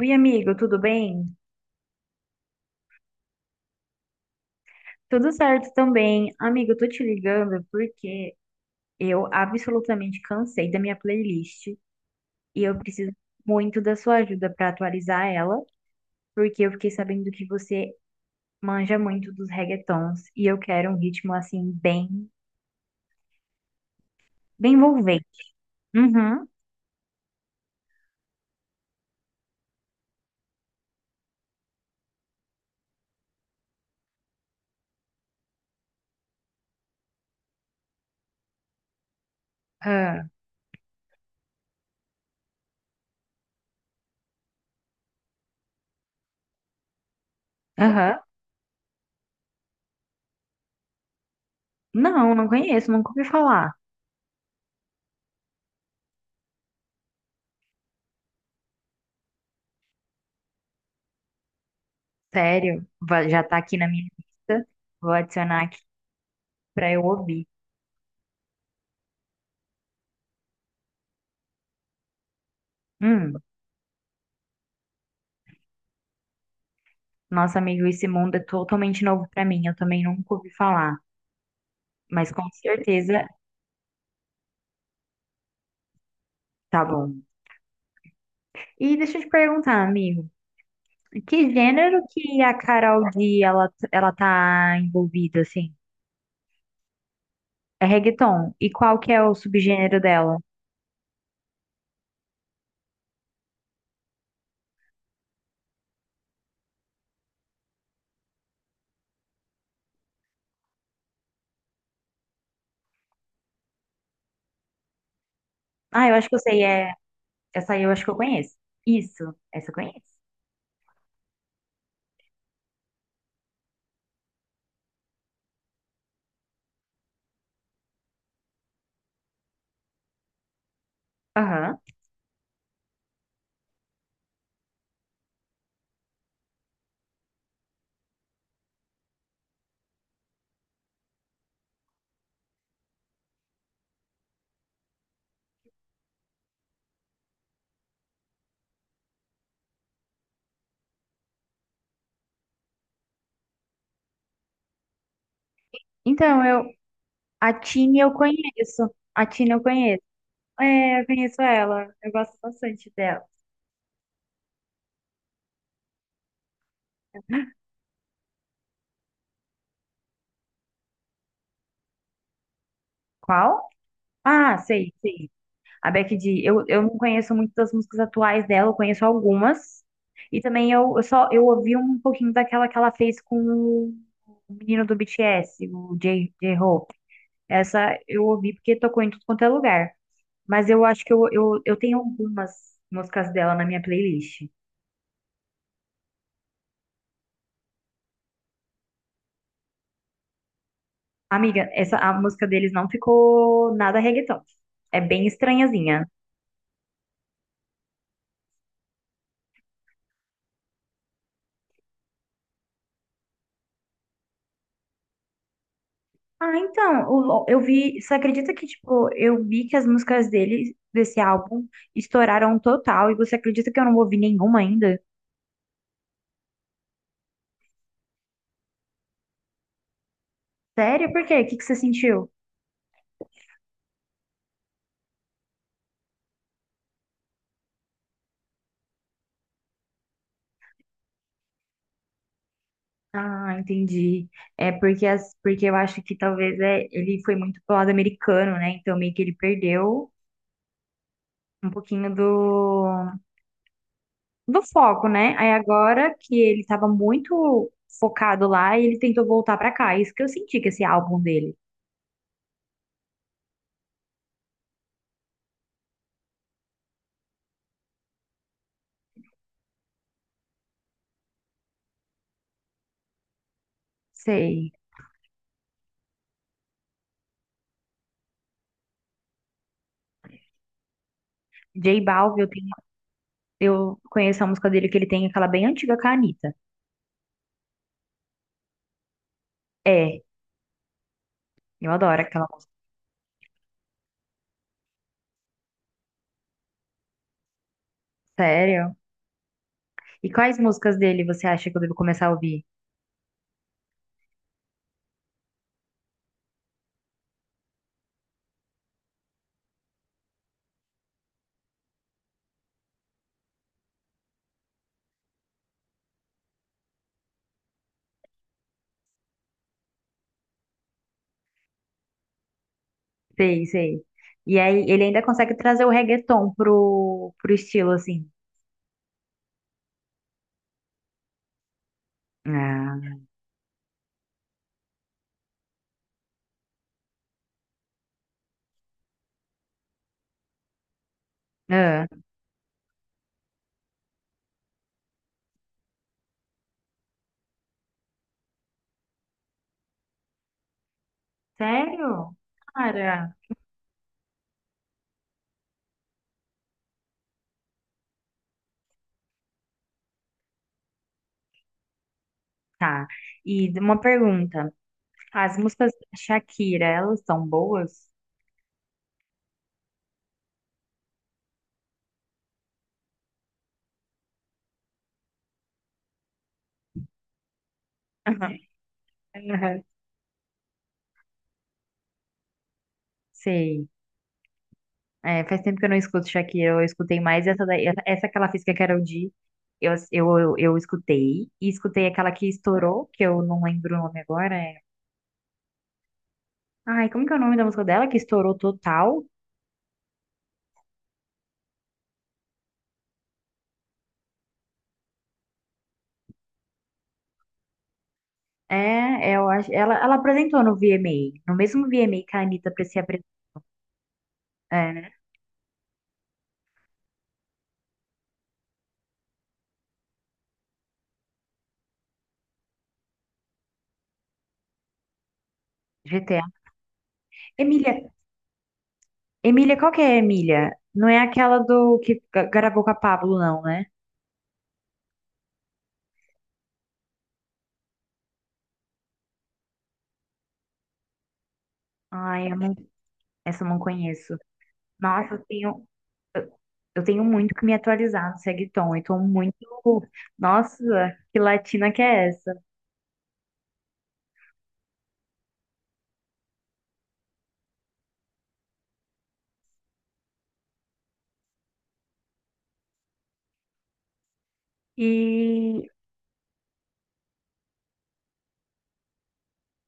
Oi, amigo, tudo bem? Tudo certo também. Amigo, eu tô te ligando porque eu absolutamente cansei da minha playlist e eu preciso muito da sua ajuda pra atualizar ela, porque eu fiquei sabendo que você manja muito dos reggaetons e eu quero um ritmo assim bem, bem envolvente. Uhum. Ah. Aham. Não, não conheço, nunca ouvi falar. Sério? Já tá aqui na minha lista. Vou adicionar aqui pra eu ouvir. Nossa, amigo, esse mundo é totalmente novo pra mim. Eu também nunca ouvi falar, mas com certeza tá bom. E deixa eu te perguntar, amigo, que gênero que a Karol G ela tá envolvida assim? É reggaeton. E qual que é o subgênero dela? Ah, eu acho que eu sei, é essa aí eu acho que eu conheço. Isso, essa eu conheço. Aham. Então, eu a Tini eu conheço. A Tini eu conheço. É, eu conheço ela. Eu gosto bastante dela. Qual? Ah, sei, sei. A Becky G, eu não conheço muito das músicas atuais dela, eu conheço algumas. E também eu só eu ouvi um pouquinho daquela que ela fez com o menino do BTS, o J-Hope. Essa eu ouvi porque tocou em tudo quanto é lugar. Mas eu acho que eu tenho algumas músicas dela na minha playlist. Amiga, essa, a música deles não ficou nada reggaeton. É bem estranhazinha. Ah, então, eu vi, você acredita que, tipo, eu vi que as músicas dele, desse álbum, estouraram total, e você acredita que eu não ouvi nenhuma ainda? Sério? Por quê? O que que você sentiu? Ah, entendi. É porque, porque eu acho que talvez é, ele foi muito pro lado americano, né? Então meio que ele perdeu um pouquinho do, foco, né? Aí agora que ele tava muito focado lá, ele tentou voltar pra cá. É isso que eu senti que esse álbum dele. Sei. J Balvin. Eu conheço a música dele que ele tem, aquela bem antiga com a Anitta. É, eu adoro aquela música. Sério? E quais músicas dele você acha que eu devo começar a ouvir? Sei, sei. E aí, ele ainda consegue trazer o reggaeton pro estilo, assim. Ah, ah. Sério? Cara. Tá. E uma pergunta. As músicas da Shakira, elas são boas? Aham. Sei. É, faz tempo que eu não escuto Shakira, eu escutei mais essa daí, essa que ela fez com a Karol G, eu escutei, e escutei aquela que estourou, que eu não lembro o nome agora, é... Ai, como que é o nome da música dela, que estourou total? É, eu acho, ela apresentou no VMA, no mesmo VMA que a Anitta pra se apresentar, é, né, GTA. Emília, Emília, qual que é a Emília? Não é aquela do que gravou com a Pablo, não, né? Ai, eu não, essa eu não conheço. Nossa. Eu tenho muito que me atualizar no Reggaeton. Eu tô muito. Nossa, que latina que é essa? E.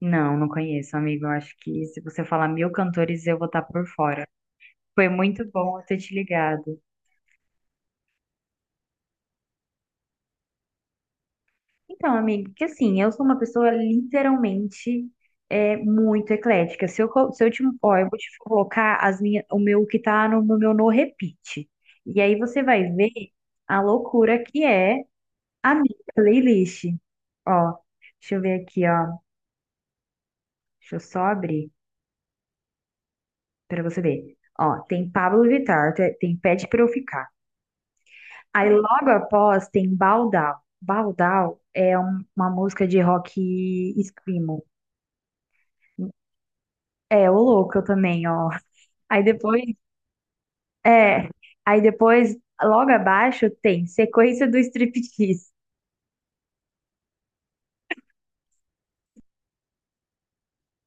Não, não conheço, amigo. Eu acho que se você falar mil cantores, eu vou estar por fora. Foi muito bom eu ter te ligado. Então, amigo, que assim, eu sou uma pessoa literalmente muito eclética. Se eu te. Ó, eu vou te colocar o meu que tá no meu no repeat. E aí você vai ver a loucura que é. Amiga, playlist. Ó, deixa eu ver aqui, ó. Deixa eu só abrir pra você ver. Ó, tem Pablo Vittar, tem Pede Pra Eu Ficar. Aí logo após tem Baldal. Baldal é uma música de rock screamo. É, o louco eu também, ó. Aí depois, é, aí depois, logo abaixo tem Sequência do Striptease.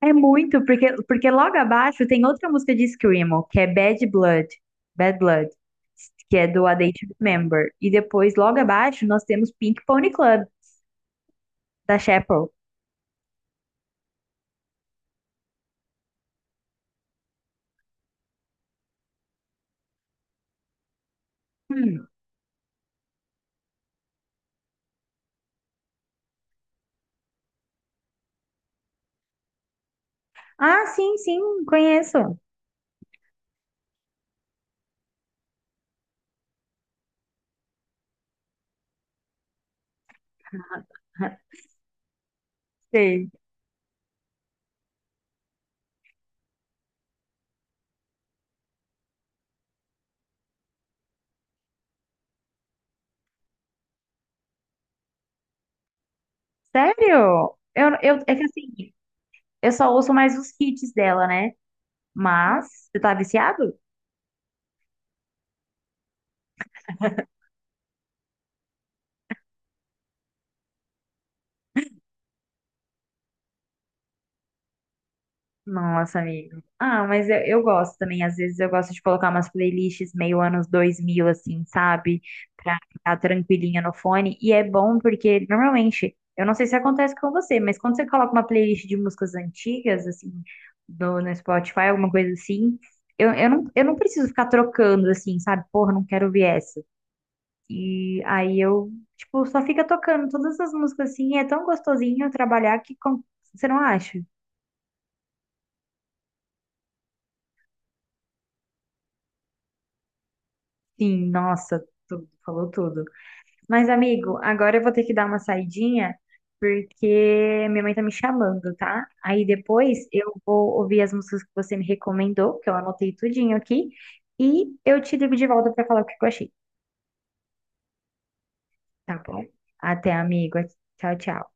É muito, porque logo abaixo tem outra música de Screamo, que é Bad Blood, Bad Blood, que é do A Day to Remember. E depois, logo abaixo, nós temos Pink Pony Club, da Chapel. Hum. Ah, sim, sim, conheço. Sei. Sério? É que assim, eu só ouço mais os hits dela, né? Mas, você tá viciado? Nossa, amigo. Ah, mas eu gosto também. Às vezes eu gosto de colocar umas playlists meio anos 2000 assim, sabe? Pra ficar tranquilinha no fone. E é bom porque, normalmente, eu não sei se acontece com você, mas quando você coloca uma playlist de músicas antigas, assim, no Spotify, alguma coisa assim, eu não preciso ficar trocando, assim, sabe? Porra, não quero ouvir essa. E aí eu, tipo, só fica tocando todas as músicas assim. E é tão gostosinho trabalhar que você não acha? Sim, nossa, tudo, falou tudo. Mas, amigo, agora eu vou ter que dar uma saidinha, porque minha mãe tá me chamando, tá? Aí depois eu vou ouvir as músicas que você me recomendou, que eu anotei tudinho aqui, e eu te ligo de volta pra falar o que eu achei, tá bom? Até, amigo. Tchau, tchau.